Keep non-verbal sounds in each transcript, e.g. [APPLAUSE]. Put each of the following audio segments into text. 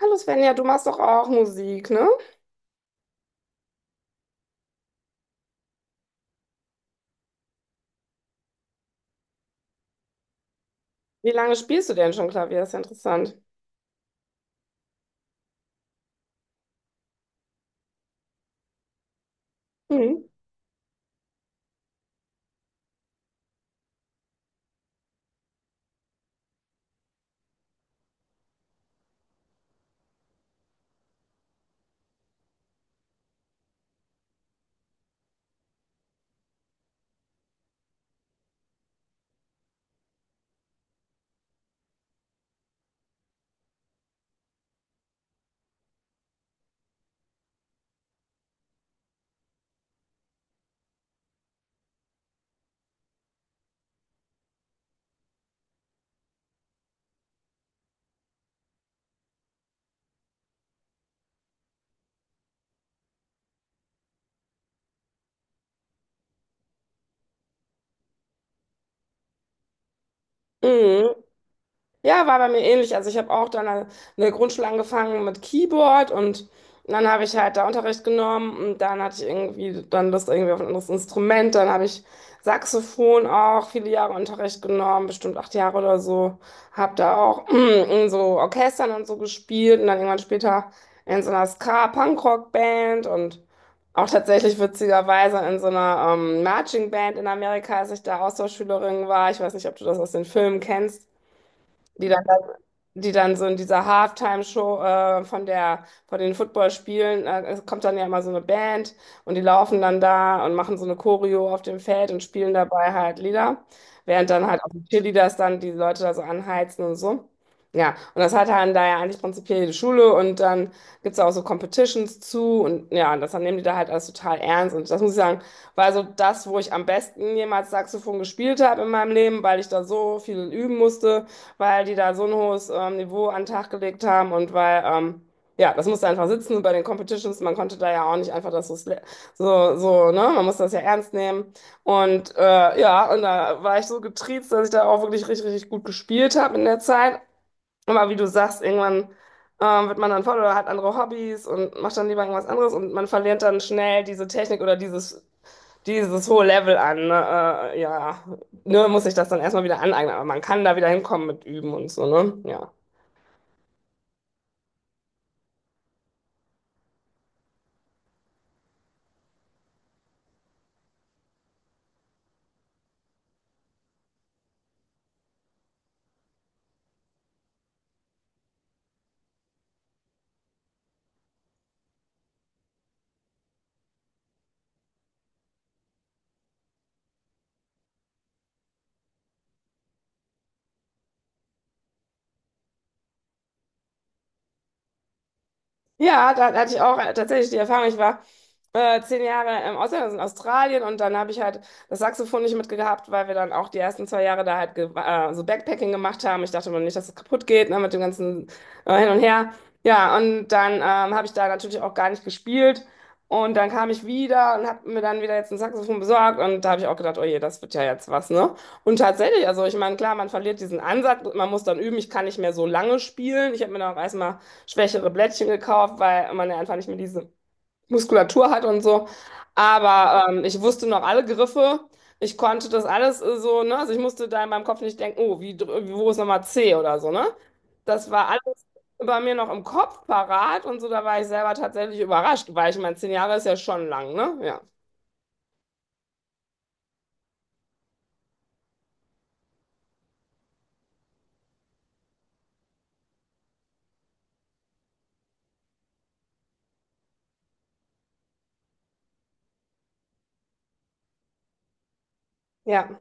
Hallo Svenja, du machst doch auch Musik, ne? Wie lange spielst du denn schon Klavier? Ist ja interessant. Mhm. Mhm. Ja, war bei mir ähnlich. Also ich habe auch dann in der Grundschule angefangen mit Keyboard und dann habe ich halt da Unterricht genommen und dann hatte ich irgendwie dann Lust irgendwie auf ein anderes Instrument. Dann habe ich Saxophon auch viele Jahre Unterricht genommen, bestimmt acht Jahre oder so. Habe da auch [CLEARS THROAT] in so Orchestern und so gespielt und dann irgendwann später in so einer Ska-Punkrock-Band und auch tatsächlich witzigerweise in so einer Marching Band in Amerika, als ich da Austauschschülerin war. Ich weiß nicht, ob du das aus den Filmen kennst, die dann, die dann so in dieser Halftime-Show von der, von den Footballspielen, es kommt dann ja immer so eine Band und die laufen dann da und machen so eine Choreo auf dem Feld und spielen dabei halt Lieder, während dann halt auch die Cheerleaders dann die Leute da so anheizen und so. Ja, und das hat dann da ja eigentlich prinzipiell jede Schule und dann gibt es auch so Competitions zu, und ja, und das dann nehmen die da halt alles total ernst, und das muss ich sagen, war so das, wo ich am besten jemals Saxophon gespielt habe in meinem Leben, weil ich da so viel üben musste, weil die da so ein hohes Niveau an den Tag gelegt haben und weil, ja, das musste einfach sitzen bei den Competitions. Man konnte da ja auch nicht einfach das so, so, so, ne? Man musste das ja ernst nehmen. Und ja, und da war ich so getriezt, dass ich da auch wirklich richtig, richtig gut gespielt habe in der Zeit. Aber wie du sagst, irgendwann wird man dann voll oder hat andere Hobbys und macht dann lieber irgendwas anderes, und man verliert dann schnell diese Technik oder dieses hohe Level an. Ne? Ja, nur muss ich das dann erstmal wieder aneignen. Aber man kann da wieder hinkommen mit Üben und so, ne? Ja. Ja, da hatte ich auch tatsächlich die Erfahrung. Ich war 10 Jahre im Ausland, also in Australien, und dann habe ich halt das Saxophon nicht mitgehabt, weil wir dann auch die ersten zwei Jahre da halt so Backpacking gemacht haben. Ich dachte mir nicht, dass es kaputt geht, ne, mit dem ganzen Hin und Her. Ja, und dann habe ich da natürlich auch gar nicht gespielt. Und dann kam ich wieder und habe mir dann wieder jetzt ein Saxophon besorgt. Und da habe ich auch gedacht, oh je, das wird ja jetzt was, ne? Und tatsächlich, also ich meine, klar, man verliert diesen Ansatz, man muss dann üben, ich kann nicht mehr so lange spielen. Ich habe mir dann auch erstmal schwächere Blättchen gekauft, weil man ja einfach nicht mehr diese Muskulatur hat und so. Aber ich wusste noch alle Griffe. Ich konnte das alles so, ne? Also ich musste da in meinem Kopf nicht denken, oh, wie, wo ist nochmal C oder so, ne? Das war alles bei mir noch im Kopf parat und so, da war ich selber tatsächlich überrascht, weil ich meine, 10 Jahre ist ja schon lang, ne? Ja. Ja.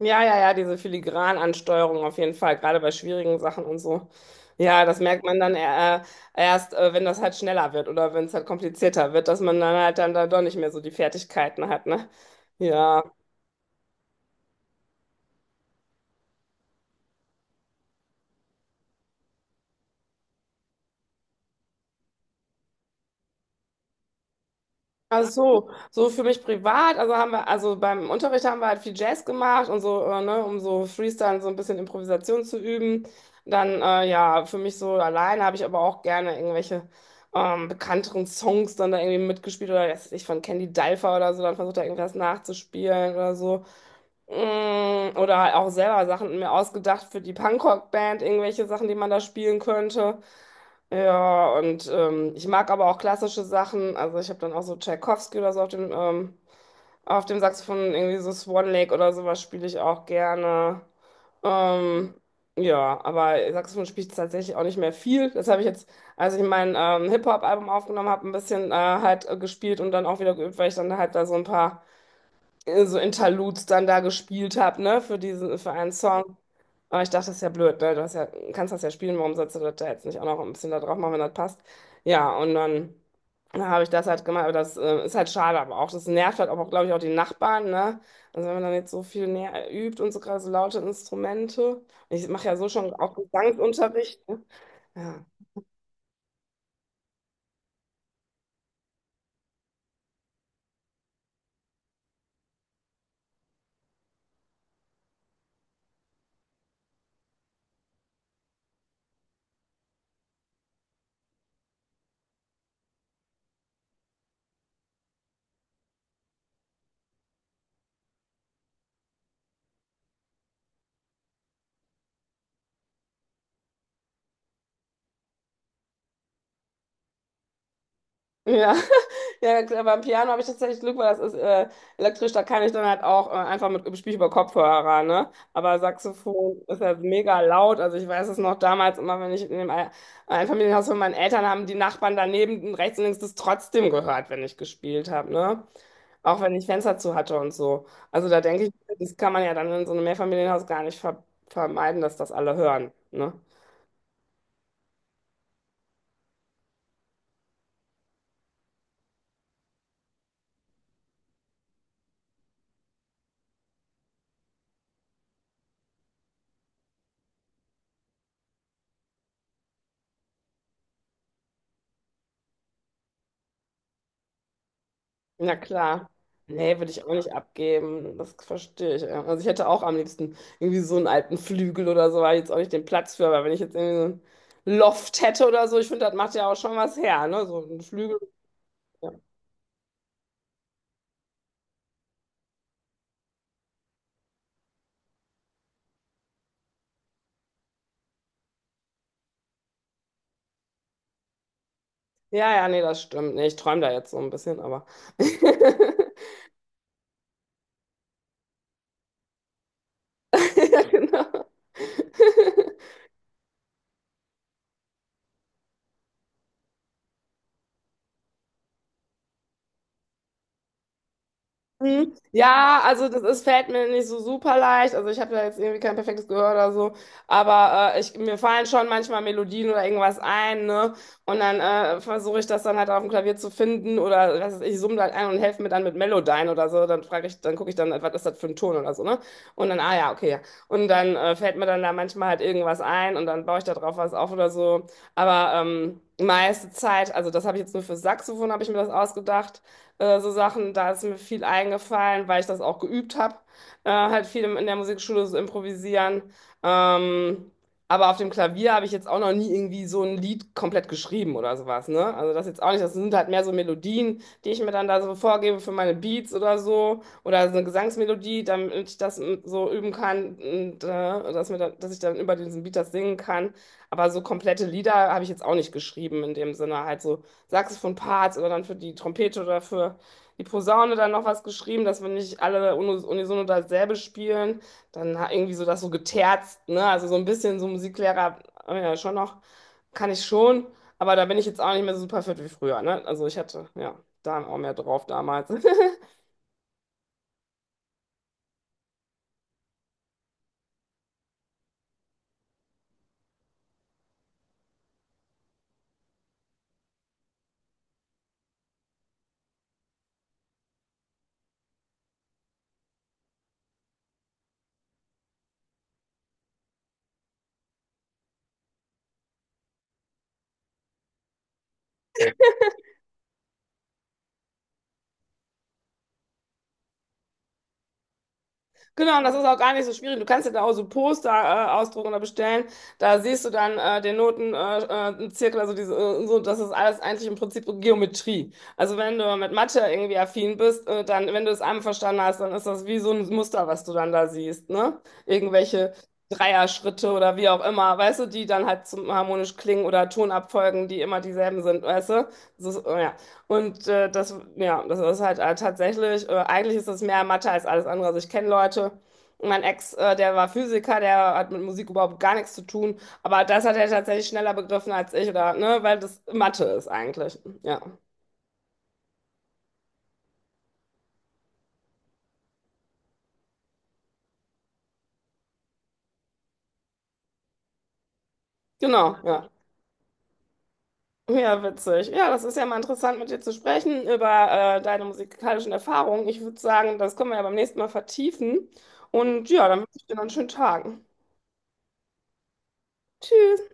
Ja, ja, ja, diese Filigranansteuerung auf jeden Fall, gerade bei schwierigen Sachen und so. Ja, das merkt man dann erst, wenn das halt schneller wird oder wenn es halt komplizierter wird, dass man dann halt dann da doch nicht mehr so die Fertigkeiten hat, ne? Ja, also so, so für mich privat, also haben wir, also beim Unterricht haben wir halt viel Jazz gemacht und so, ne, um so Freestyle, so ein bisschen Improvisation zu üben. Dann, ja, für mich so alleine habe ich aber auch gerne irgendwelche bekannteren Songs dann da irgendwie mitgespielt oder weiß ich von Candy Dulfer oder so, dann versucht da irgendwas nachzuspielen oder so. Mm, oder halt auch selber Sachen mir ausgedacht für die Punkrock-Band, irgendwelche Sachen, die man da spielen könnte. Ja, und ich mag aber auch klassische Sachen. Also ich habe dann auch so Tchaikovsky oder so auf dem Saxophon, irgendwie so Swan Lake oder sowas spiele ich auch gerne. Ähm, ja, aber Saxophon spiele ich tatsächlich auch nicht mehr viel. Das habe ich jetzt, als ich mein Hip-Hop-Album aufgenommen habe, ein bisschen gespielt und dann auch wieder geübt, weil ich dann halt da so ein paar so Interludes dann da gespielt habe, ne, für diesen, für einen Song. Aber ich dachte, das ist ja blöd, ne? Du hast ja, kannst das ja spielen, warum sollst du das da jetzt nicht auch noch ein bisschen da drauf machen, wenn das passt? Ja, und dann, dann habe ich das halt gemacht, aber das ist halt schade, aber auch das nervt halt auch, glaube ich, auch die Nachbarn, ne? Also wenn man dann jetzt so viel näher übt und so gerade so laute Instrumente. Ich mache ja so schon auch Gesangsunterricht. Ne? Ja. Ja, [LAUGHS] ja, klar, beim Piano habe ich tatsächlich Glück, weil das ist elektrisch, da kann ich dann halt auch einfach mit spiele ich über Kopfhörer, ne? Aber Saxophon ist halt mega laut. Also ich weiß es noch damals immer, wenn ich in dem Einfamilienhaus von meinen Eltern haben die Nachbarn daneben rechts und links das trotzdem gehört, wenn ich gespielt habe, ne? Auch wenn ich Fenster zu hatte und so. Also da denke ich, das kann man ja dann in so einem Mehrfamilienhaus gar nicht vermeiden, dass das alle hören, ne? Na klar. Nee, würde ich auch nicht abgeben. Das verstehe ich. Ja. Also ich hätte auch am liebsten irgendwie so einen alten Flügel oder so, weil jetzt auch nicht den Platz für, aber wenn ich jetzt irgendwie so einen Loft hätte oder so, ich finde, das macht ja auch schon was her, ne? So ein Flügel. Ja, ja, ja, nee, das stimmt. Nee, ich träume da jetzt so ein bisschen, aber. [LAUGHS] Ja, genau. [LAUGHS] Mhm. Ja, also das ist, fällt mir nicht so super leicht. Also ich habe da jetzt irgendwie kein perfektes Gehör oder so. Aber ich, mir fallen schon manchmal Melodien oder irgendwas ein, ne? Und dann versuche ich das dann halt auf dem Klavier zu finden oder was weiß ich summe halt ein und helfe mir dann mit Melodyne oder so. Dann frage ich, dann gucke ich dann, was ist das für ein Ton oder so, ne? Und dann, ah ja, okay, ja. Und dann fällt mir dann da manchmal halt irgendwas ein und dann baue ich da drauf was auf oder so. Aber meiste Zeit, also das habe ich jetzt nur für Saxophon, habe ich mir das ausgedacht, so Sachen, da ist mir viel eingefallen, weil ich das auch geübt habe, halt viel in der Musikschule so improvisieren. Ähm, aber auf dem Klavier habe ich jetzt auch noch nie irgendwie so ein Lied komplett geschrieben oder sowas, ne? Also das jetzt auch nicht, das sind halt mehr so Melodien, die ich mir dann da so vorgebe für meine Beats oder so eine Gesangsmelodie, damit ich das mm, so üben kann und dass mir dann, dass ich dann über diesen Beat das singen kann. Aber so komplette Lieder habe ich jetzt auch nicht geschrieben in dem Sinne, halt so Saxophon-Parts oder dann für die Trompete oder für die Posaune dann noch was geschrieben, dass wenn nicht alle unisono dasselbe spielen, dann irgendwie so das so geterzt, ne? Also so ein bisschen so Musiklehrer, ja, schon noch, kann ich schon, aber da bin ich jetzt auch nicht mehr so super fit wie früher, ne? Also ich hatte, ja, da auch mehr drauf damals. [LAUGHS] Genau, und das ist auch gar nicht so schwierig. Du kannst ja da auch so Poster ausdrucken oder bestellen. Da siehst du dann den Noten- Zirkel, also diese, so, das ist alles eigentlich im Prinzip so Geometrie. Also wenn du mit Mathe irgendwie affin bist, dann, wenn du es einmal verstanden hast, dann ist das wie so ein Muster, was du dann da siehst, ne? Irgendwelche Dreierschritte oder wie auch immer, weißt du, die dann halt zum harmonisch klingen oder Tonabfolgen, die immer dieselben sind, weißt du? So, ja. Und das, ja, das ist halt tatsächlich, eigentlich ist das mehr Mathe als alles andere. Also ich kenne Leute, mein Ex, der war Physiker, der hat mit Musik überhaupt gar nichts zu tun, aber das hat er tatsächlich schneller begriffen als ich, oder, ne, weil das Mathe ist eigentlich. Ja, genau, ja. Ja, witzig. Ja, das ist ja mal interessant, mit dir zu sprechen über deine musikalischen Erfahrungen. Ich würde sagen, das können wir ja beim nächsten Mal vertiefen. Und ja, dann wünsche ich dir noch einen schönen Tag. Tschüss.